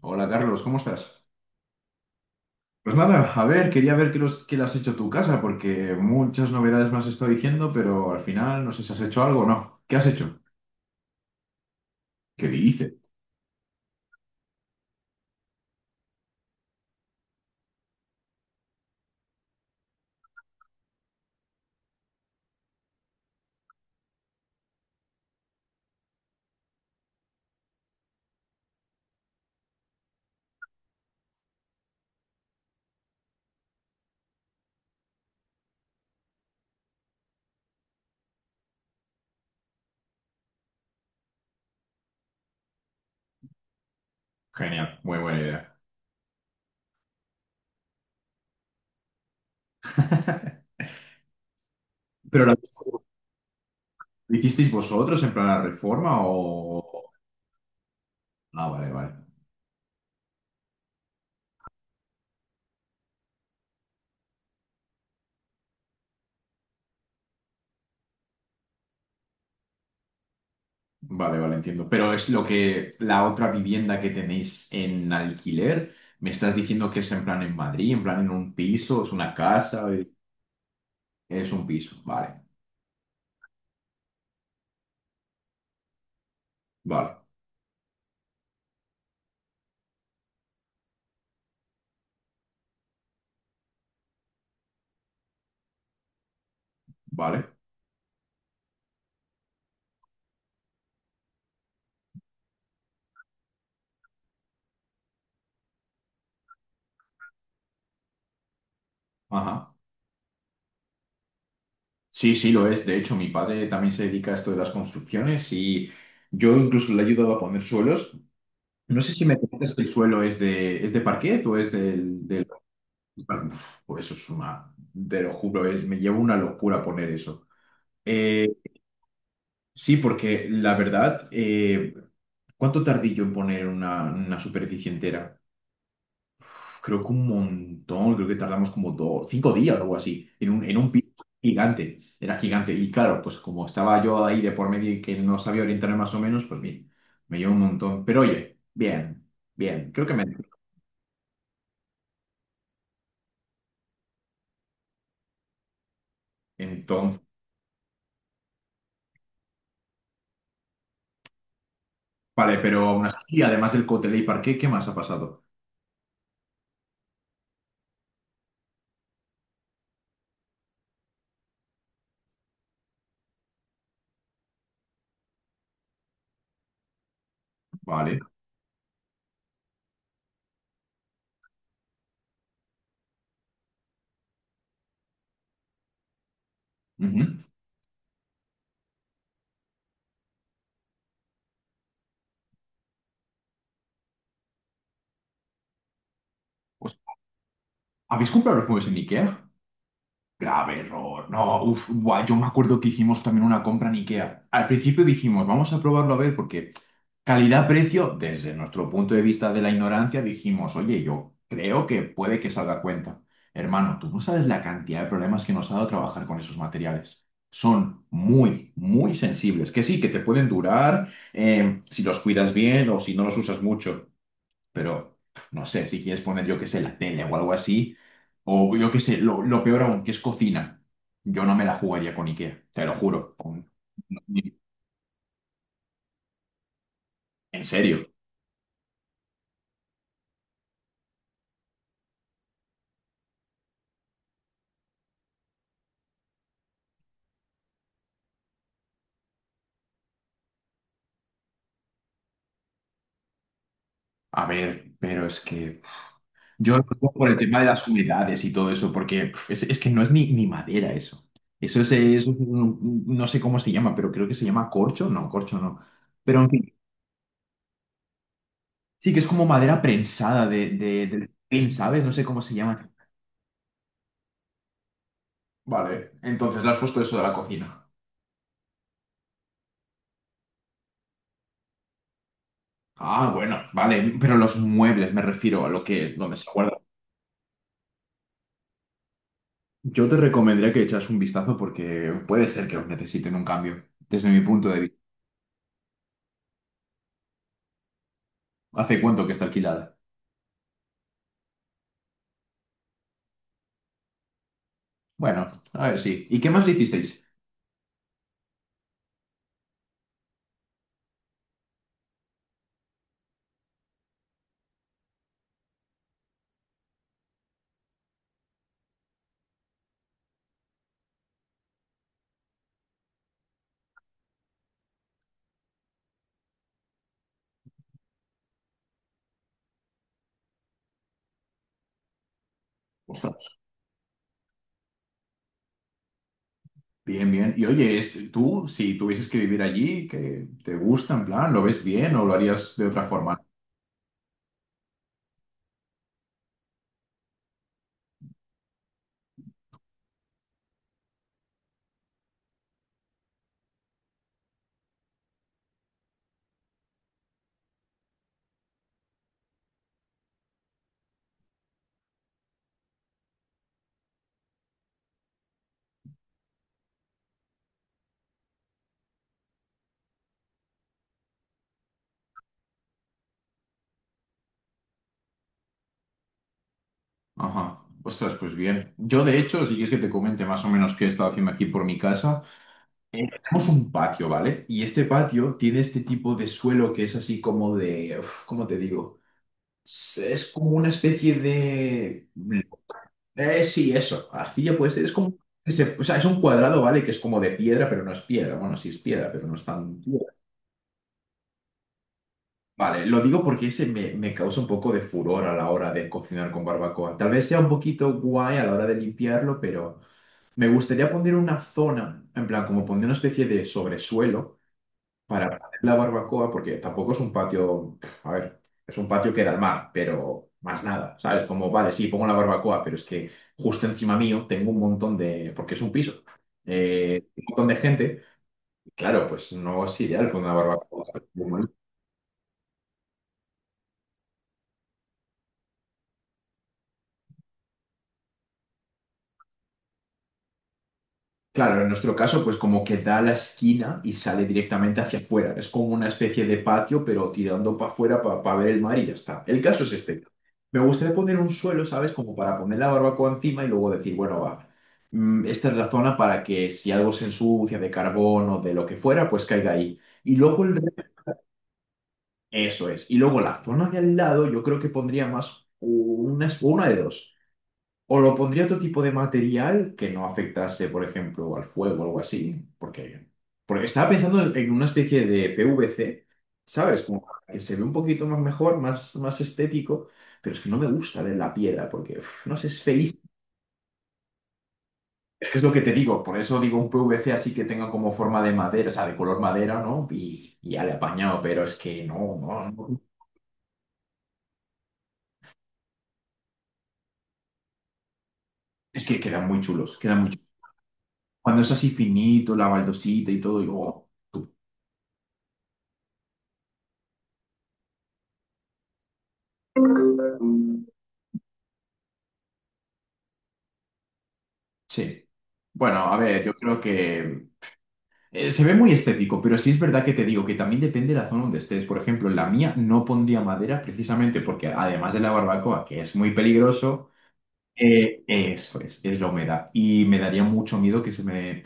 Hola Carlos, ¿cómo estás? Pues nada, a ver, quería ver qué, los, qué le has hecho a tu casa, porque muchas novedades me has estado diciendo, pero al final no sé si has hecho algo o no. ¿Qué has hecho? ¿Qué dice? Genial, muy buena idea. ¿Pero la, ¿lo hicisteis vosotros en plan la reforma o...? Ah, vale, vale. Vale, vale, entiendo. Pero es lo que la otra vivienda que tenéis en alquiler, me estás diciendo que es en plan en Madrid, en plan en un piso, es una casa, es un piso. Vale, vale, vale. Ajá. Sí, sí, lo es. De hecho, mi padre también se dedica a esto de las construcciones y yo incluso le he ayudado a poner suelos. No sé si me comentas que el suelo es de parquet o es del... del- Uf, pues eso es una... Te lo juro, es, me lleva una locura poner eso. Eh, sí, porque la verdad, ¿cuánto tardé yo en poner una superficie entera? Creo que un montón, creo que tardamos como dos, cinco días o algo así, en un piso gigante, era gigante. Y claro, pues como estaba yo ahí de por medio y que no sabía orientarme más o menos, pues bien, me llevó un montón. Pero oye, bien, bien, creo que me... Entonces, vale, pero aún así, además del Cotelé y Parque, ¿qué más ha pasado? Vale. Ujú. Pues, ¿habéis comprado los muebles en Ikea? Grave error. No, uff, yo me acuerdo que hicimos también una compra en IKEA. Al principio dijimos, vamos a probarlo a ver, porque calidad-precio, desde nuestro punto de vista de la ignorancia, dijimos, oye, yo creo que puede que salga a cuenta. Hermano, tú no sabes la cantidad de problemas que nos ha dado trabajar con esos materiales. Son muy, muy sensibles. Que sí, que te pueden durar si los cuidas bien o si no los usas mucho, pero pf, no sé, si quieres poner, yo qué sé, la tele o algo así, o yo qué sé, lo peor aún, que es cocina, yo no me la jugaría con IKEA, te lo juro, con- no, ni- en serio. A ver, pero es que yo lo digo por el tema de las humedades y todo eso, porque pf, es que no es ni, ni madera eso. Eso es un- no sé cómo se llama, pero creo que se llama corcho, no, corcho no. Pero en fin, sí que es como madera prensada de, del pin, ¿sabes? No sé cómo se llama. Vale, entonces le has puesto eso de la cocina. Ah, bueno, vale, pero los muebles me refiero a lo que, donde se guarda. Yo te recomendaría que echas un vistazo porque puede ser que los necesiten un cambio, desde mi punto de vista. ¿Hace cuánto que está alquilada? Bueno, a ver, sí. ¿Y qué más le hicisteis? Ostras, bien, bien. Y oye, es- tú, si tuvieses que vivir allí, ¿qué te gusta, en plan, lo ves bien o lo harías de otra forma? Ajá. Ostras, pues bien. Yo, de hecho, si quieres que te comente más o menos qué he estado haciendo aquí por mi casa. Tenemos un patio, ¿vale? Y este patio tiene este tipo de suelo que es así como de, uf, ¿cómo te digo? Es como una especie de... Sí, eso, arcilla puede ser, es como... ese- o sea, es un cuadrado, ¿vale? Que es como de piedra, pero no es piedra. Bueno, sí es piedra, pero no es tan piedra. Vale, lo digo porque ese me, me causa un poco de furor a la hora de cocinar con barbacoa. Tal vez sea un poquito guay a la hora de limpiarlo, pero me gustaría poner una zona, en plan, como poner una especie de sobresuelo para poner la barbacoa, porque tampoco es un patio, a ver, es un patio que da al mar, pero más nada, ¿sabes? Como, vale, sí, pongo la barbacoa, pero es que justo encima mío tengo un montón de, porque es un piso, un montón de gente, y claro, pues no es ideal poner una barbacoa. Claro, en nuestro caso, pues como que da la esquina y sale directamente hacia afuera. Es como una especie de patio, pero tirando para afuera para ver el mar y ya está. El caso es este. Me gustaría poner un suelo, ¿sabes? Como para poner la barbacoa encima y luego decir, bueno, va, mm, esta es la zona para que si algo se ensucia de carbón o de lo que fuera, pues caiga ahí. Y luego el... re- Eso es. Y luego la zona de al lado, yo creo que pondría más una de dos. O lo pondría otro tipo de material que no afectase, por ejemplo, al fuego o algo así, porque, porque estaba pensando en una especie de PVC, ¿sabes? Como que se ve un poquito más mejor, más, más estético, pero es que no me gusta de la piedra, porque, uf, no sé, es feísimo. Es que es lo que te digo, por eso digo un PVC así que tenga como forma de madera, o sea, de color madera, ¿no? Y ya le he apañado, pero es que no, no, no. Es que quedan muy chulos, quedan muy chulos. Cuando es así finito, la baldosita y todo, y, oh. Sí. Bueno, a ver, yo creo que se ve muy estético, pero sí es verdad que te digo que también depende de la zona donde estés. Por ejemplo, en la mía no pondría madera precisamente porque además de la barbacoa, que es muy peligroso, eso es la humedad. Y me daría mucho miedo que se me,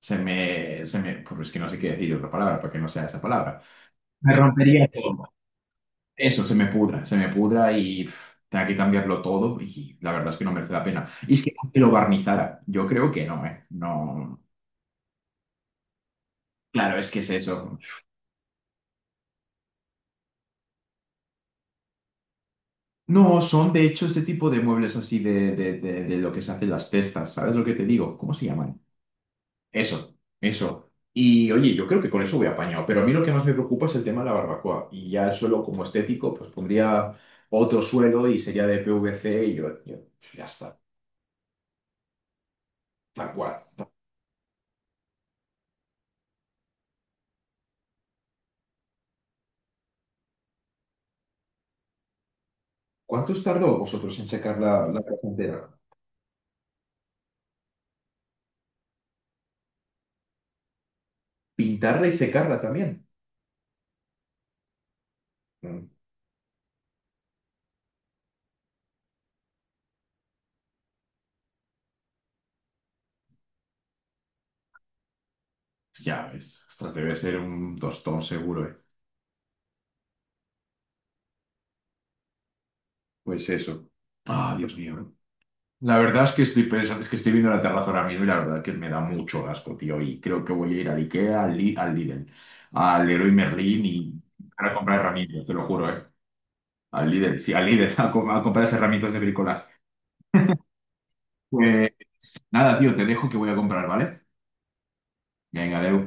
se me, se me, pues es que no sé qué decir otra palabra para que no sea esa palabra. Me rompería todo. Eso, se me pudra y pf, tenga que cambiarlo todo y la verdad es que no merece la pena. Y es que aunque lo barnizara, yo creo que no, ¿eh? No. Claro, es que es eso. No, son de hecho este tipo de muebles así de lo que se hacen las cestas. ¿Sabes lo que te digo? ¿Cómo se llaman? Eso, eso. Y oye, yo creo que con eso voy apañado, pero a mí lo que más me preocupa es el tema de la barbacoa. Y ya el suelo como estético, pues pondría otro suelo y sería de PVC y yo, ya está, tal cual. ¿Cuántos tardó vosotros en secar la, la casa entera? ¿Pintarla y secarla también? Mm, ya ves, ostras, debe ser un tostón seguro, ¿eh? Pues eso. Ah, Dios mío. La verdad es que estoy pensando, es que estoy viendo la terraza ahora mismo y la verdad que me da mucho asco, tío. Y creo que voy a ir al IKEA, al, Li- al Lidl, al Leroy Merlin y para comprar herramientas, te lo juro, ¿eh? Al Lidl, sí, al Lidl, a, co- a comprar esas herramientas de bricolaje. Pues nada, tío, te dejo que voy a comprar, ¿vale? Venga, Deu.